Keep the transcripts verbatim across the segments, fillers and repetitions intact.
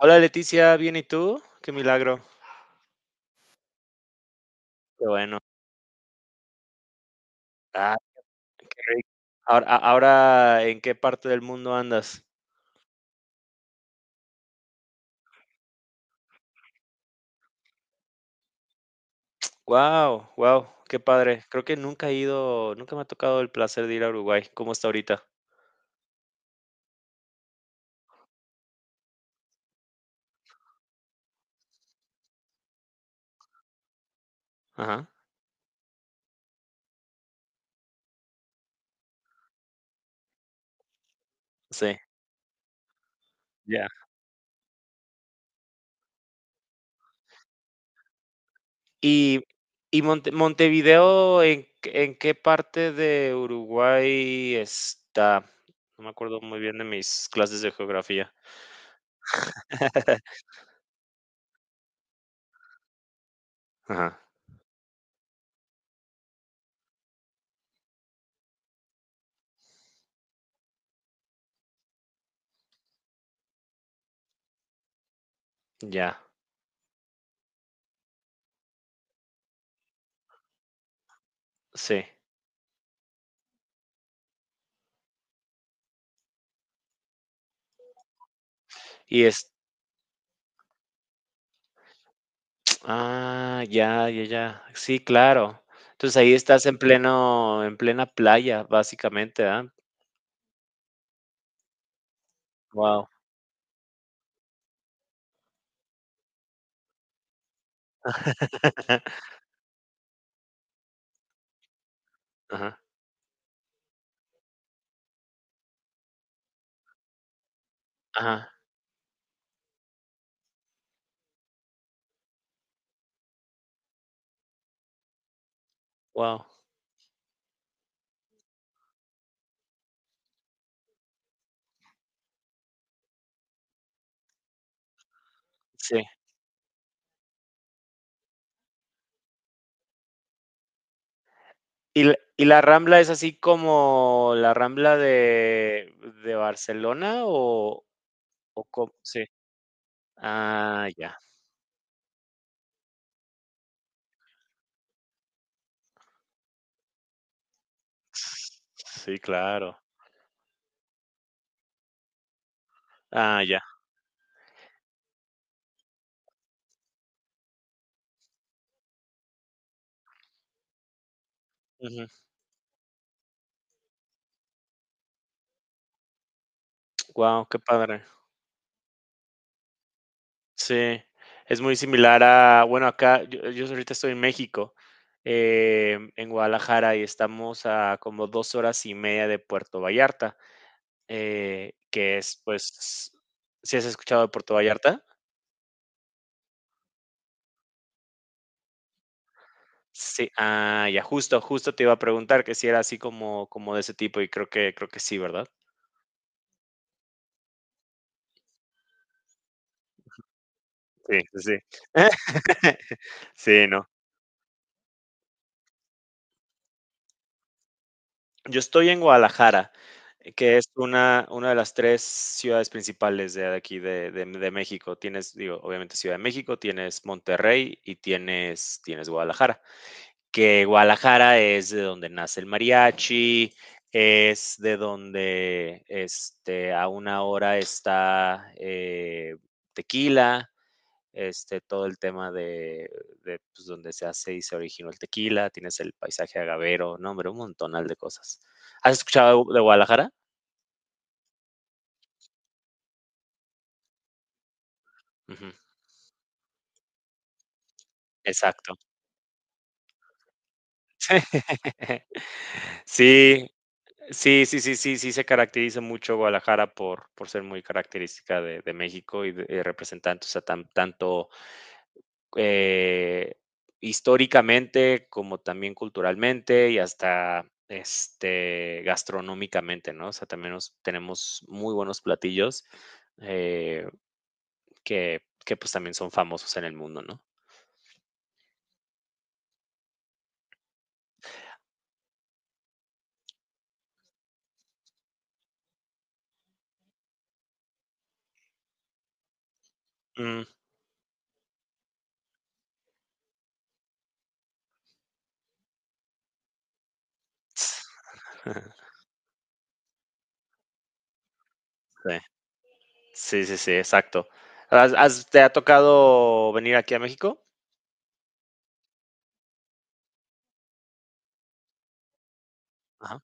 Hola Leticia, ¿bien y tú? Qué milagro. Qué bueno. Ah, qué rico. Ahora, a- ahora, ¿en qué parte del mundo andas? Wow, wow, qué padre. Creo que nunca he ido, nunca me ha tocado el placer de ir a Uruguay. ¿Cómo está ahorita? Ajá, sí, ya. Y, y Monte- Montevideo, ¿en, qué- en qué parte de Uruguay está? No me acuerdo muy bien de mis clases de geografía. Ajá, ya, sí. Y es, ah, ya, ya, ya. Sí, claro. Entonces, ahí estás en pleno en plena playa, básicamente, ¿ah? Wow. Ajá, ajá, wow, sí. ¿Y la y la Rambla es así como la Rambla de de Barcelona o o cómo? ¿Sí? Ah, ya. Sí, claro. Ah, ya. Wow, qué padre. Sí, es muy similar a, bueno, acá yo, yo ahorita estoy en México, eh, en Guadalajara, y estamos a como dos horas y media de Puerto Vallarta, eh, que es, pues, ¿si has escuchado de Puerto Vallarta? Sí, ah, ya, justo, justo te iba a preguntar que si era así como, como de ese tipo, y creo que, creo que sí, ¿verdad? Sí, sí, sí. Sí, no. Yo estoy en Guadalajara, que es una una de las tres ciudades principales de aquí de de de México. Tienes, digo, obviamente Ciudad de México, tienes Monterrey y tienes tienes Guadalajara, que Guadalajara es de donde nace el mariachi, es de donde, este, a una hora está, eh, Tequila, este, todo el tema de, de, pues, donde se hace y se originó el tequila, tienes el paisaje agavero, no, hombre, un montonal de cosas. ¿Has escuchado de Guadalajara? Ujú, exacto. Sí, sí, sí, sí, sí, sí se caracteriza mucho Guadalajara por, por ser muy característica de, de México y de, y representante, o sea, tan- tanto eh, históricamente, como también culturalmente y hasta este, gastronómicamente, ¿no? O sea, también nos- tenemos muy buenos platillos eh, que, que pues también son famosos en el mundo, ¿no? Mm, ts- Sí, sí, sí, sí, exacto. ¿Has- has- Te ha tocado venir aquí a México? Ajá.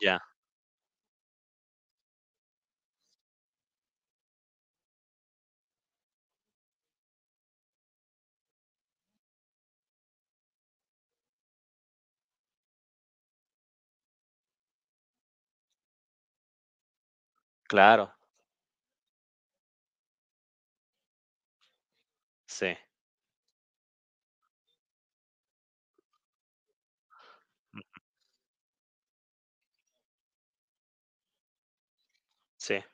Ya, claro, sí, sí.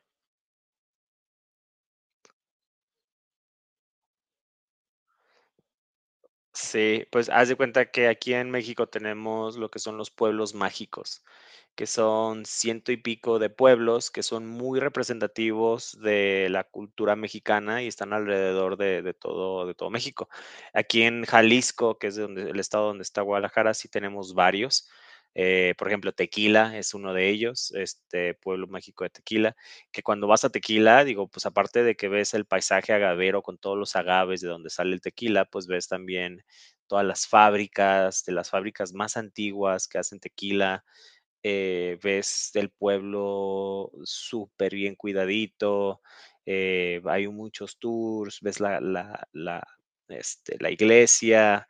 Sí, pues haz de cuenta que aquí en México tenemos lo que son los pueblos mágicos, que son ciento y pico de pueblos que son muy representativos de la cultura mexicana y están alrededor de, de todo, de todo México. Aquí en Jalisco, que es donde, el estado donde está Guadalajara, sí tenemos varios. Eh, por ejemplo, Tequila es uno de ellos, este pueblo mágico de Tequila, que cuando vas a Tequila, digo, pues aparte de que ves el paisaje agavero con todos los agaves de donde sale el tequila, pues ves también todas las fábricas, de las fábricas más antiguas que hacen tequila, eh, ves el pueblo súper bien cuidadito, eh, hay muchos tours, ves la, la, la, este, la iglesia,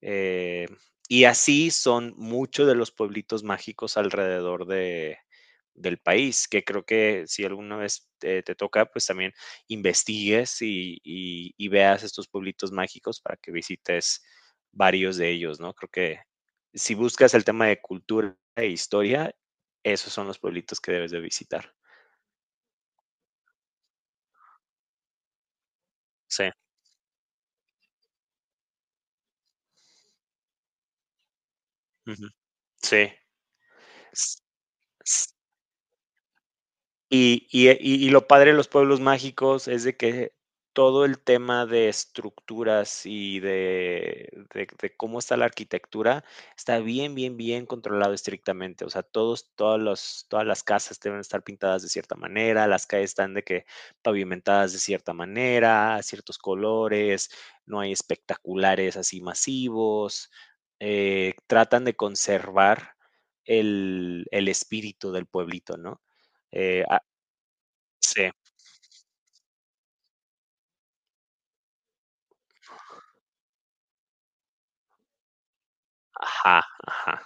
eh, y así son muchos de los pueblitos mágicos alrededor de, del país, que creo que si alguna vez te, te toca, pues también investigues y, y- y veas estos pueblitos mágicos para que visites varios de ellos, ¿no? Creo que si buscas el tema de cultura e historia, esos son los pueblitos que debes de visitar. Sí, ujú, sí. S- Y, y, eh, y- y lo padre de los pueblos mágicos es de que todo el tema de estructuras y de, de- de cómo está la arquitectura está bien, bien, bien controlado estrictamente. O sea, todos, todas, los, todas las casas deben estar pintadas de cierta manera, las calles están de que pavimentadas de cierta manera, ciertos colores, no hay espectaculares así masivos. Eh, tratan de conservar el, el espíritu del pueblito, ¿no? Eh, a- sí, ajá, ajá,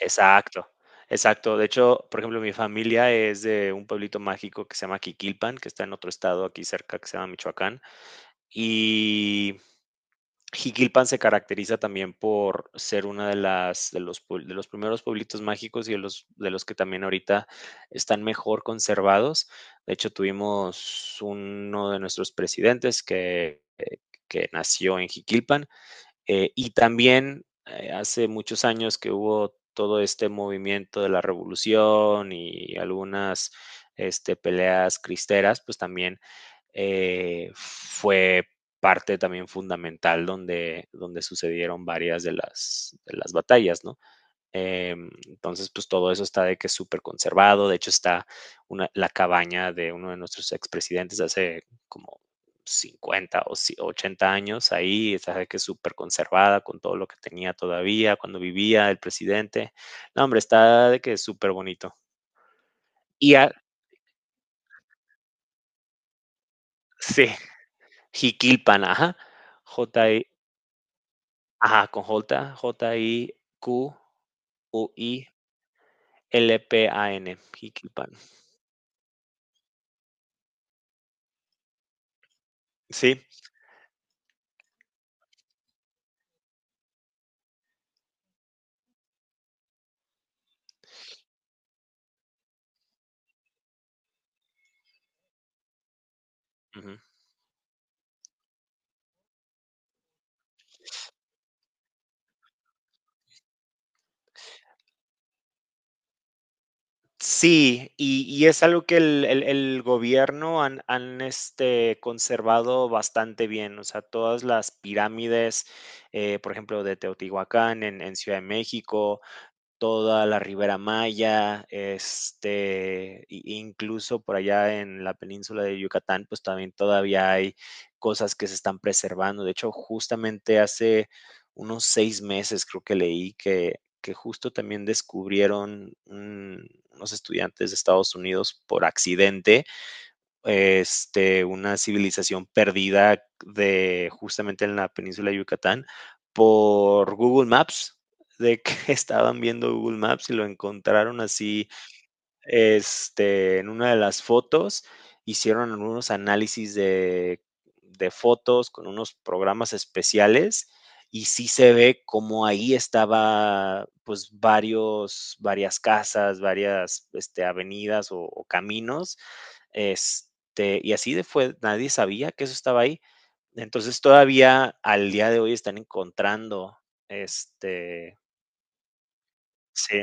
exacto, exacto. De hecho, por ejemplo, mi familia es de un pueblito mágico que se llama Jiquilpan, que está en otro estado aquí cerca que se llama Michoacán. Y Jiquilpan se caracteriza también por ser una de las de los pue- de los primeros pueblitos mágicos y de los de los que también ahorita están mejor conservados. De hecho, tuvimos uno de nuestros presidentes que, eh, que nació en Jiquilpan. Eh, y también eh, hace muchos años que hubo todo este movimiento de la revolución y algunas este, peleas cristeras, pues también eh, fue parte también fundamental donde, donde sucedieron varias de las, de las batallas, ¿no? Eh, entonces, pues todo eso está de que es súper conservado. De hecho, está una, la cabaña de uno de nuestros expresidentes de hace como cincuenta o si, ochenta años ahí, está de que es súper conservada con todo lo que tenía todavía cuando vivía el presidente. No, hombre, está de que es súper bonito. Y a- sí, Jiquilpan, ajá. J-I, ajá, con J, J-I-Q-U-I-L-P-A-N, Jiquilpan. Sí, ujú. Sí, y y es algo que el el el gobierno han han, este, conservado bastante bien, o sea, todas las pirámides, eh, por ejemplo, de Teotihuacán en en Ciudad de México, toda la Ribera Maya, este, incluso por allá en la península de Yucatán, pues también todavía hay cosas que se están preservando. De hecho, justamente hace unos seis meses creo que leí que, que justo también descubrieron un- unos estudiantes de Estados Unidos por accidente este, una civilización perdida de justamente en la península de Yucatán por Google Maps, de que estaban viendo Google Maps y lo encontraron así este, en una de las fotos hicieron unos análisis de, de fotos con unos programas especiales y sí se ve como ahí estaba pues varios, varias casas, varias este, avenidas o, o caminos, este, y así de fue, nadie sabía que eso estaba ahí. Entonces todavía al día de hoy están encontrando, este, sí,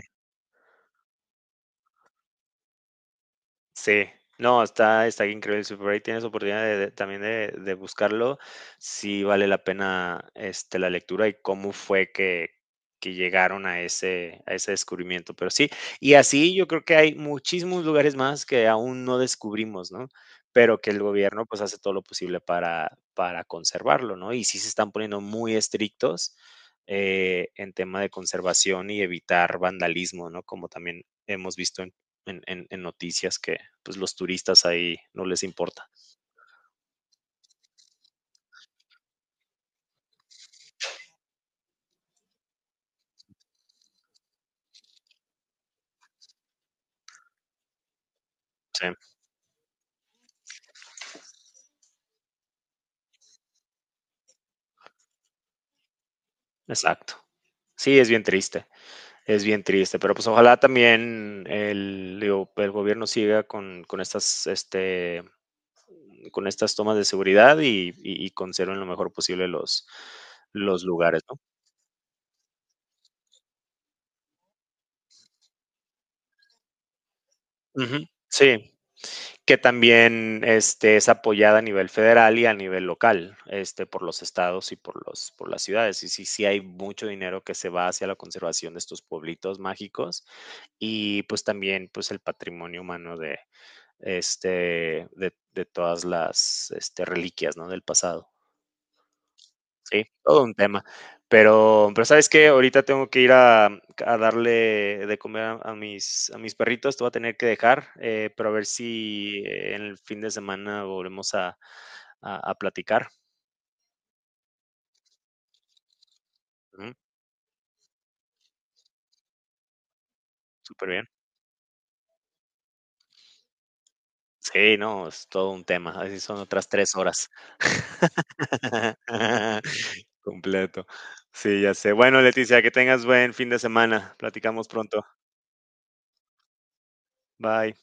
sí, no, está está increíble. Si por ahí tienes oportunidad de de también de de buscarlo, sí vale la pena, este, la lectura y cómo fue que que llegaron a ese a ese descubrimiento. Pero sí, y así yo creo que hay muchísimos lugares más que aún no descubrimos, ¿no? Pero que el gobierno, pues, hace todo lo posible para para conservarlo, ¿no? Y sí se están poniendo muy estrictos, eh, en tema de conservación y evitar vandalismo, ¿no? Como también hemos visto en en, en, en noticias que pues los turistas ahí no les importa. Sí, exacto. Sí, es bien triste, es bien triste, pero pues ojalá también el, digo, el gobierno siga con, con estas, este, con estas tomas de seguridad y, y- y- conserven lo mejor posible los, los lugares, ¿no? Ujú, sí, que también este, es apoyada a nivel federal y a nivel local, este, por los estados y por, los, por las ciudades. Y sí, sí hay mucho dinero que se va hacia la conservación de estos pueblitos mágicos y pues también pues el patrimonio humano de, este, de, de todas las este, reliquias, ¿no?, del pasado. Sí, todo un tema. Pero, pero ¿sabes qué? Ahorita tengo que ir a, a darle de comer a, a mis, a mis perritos, te voy a tener que dejar, eh, pero a ver si eh, en el fin de semana volvemos a, a, a platicar. Ujú, súper bien. Sí, no, es todo un tema, así son otras tres horas. Completo. Sí, ya sé. Bueno, Leticia, que tengas buen fin de semana. Platicamos pronto. Bye.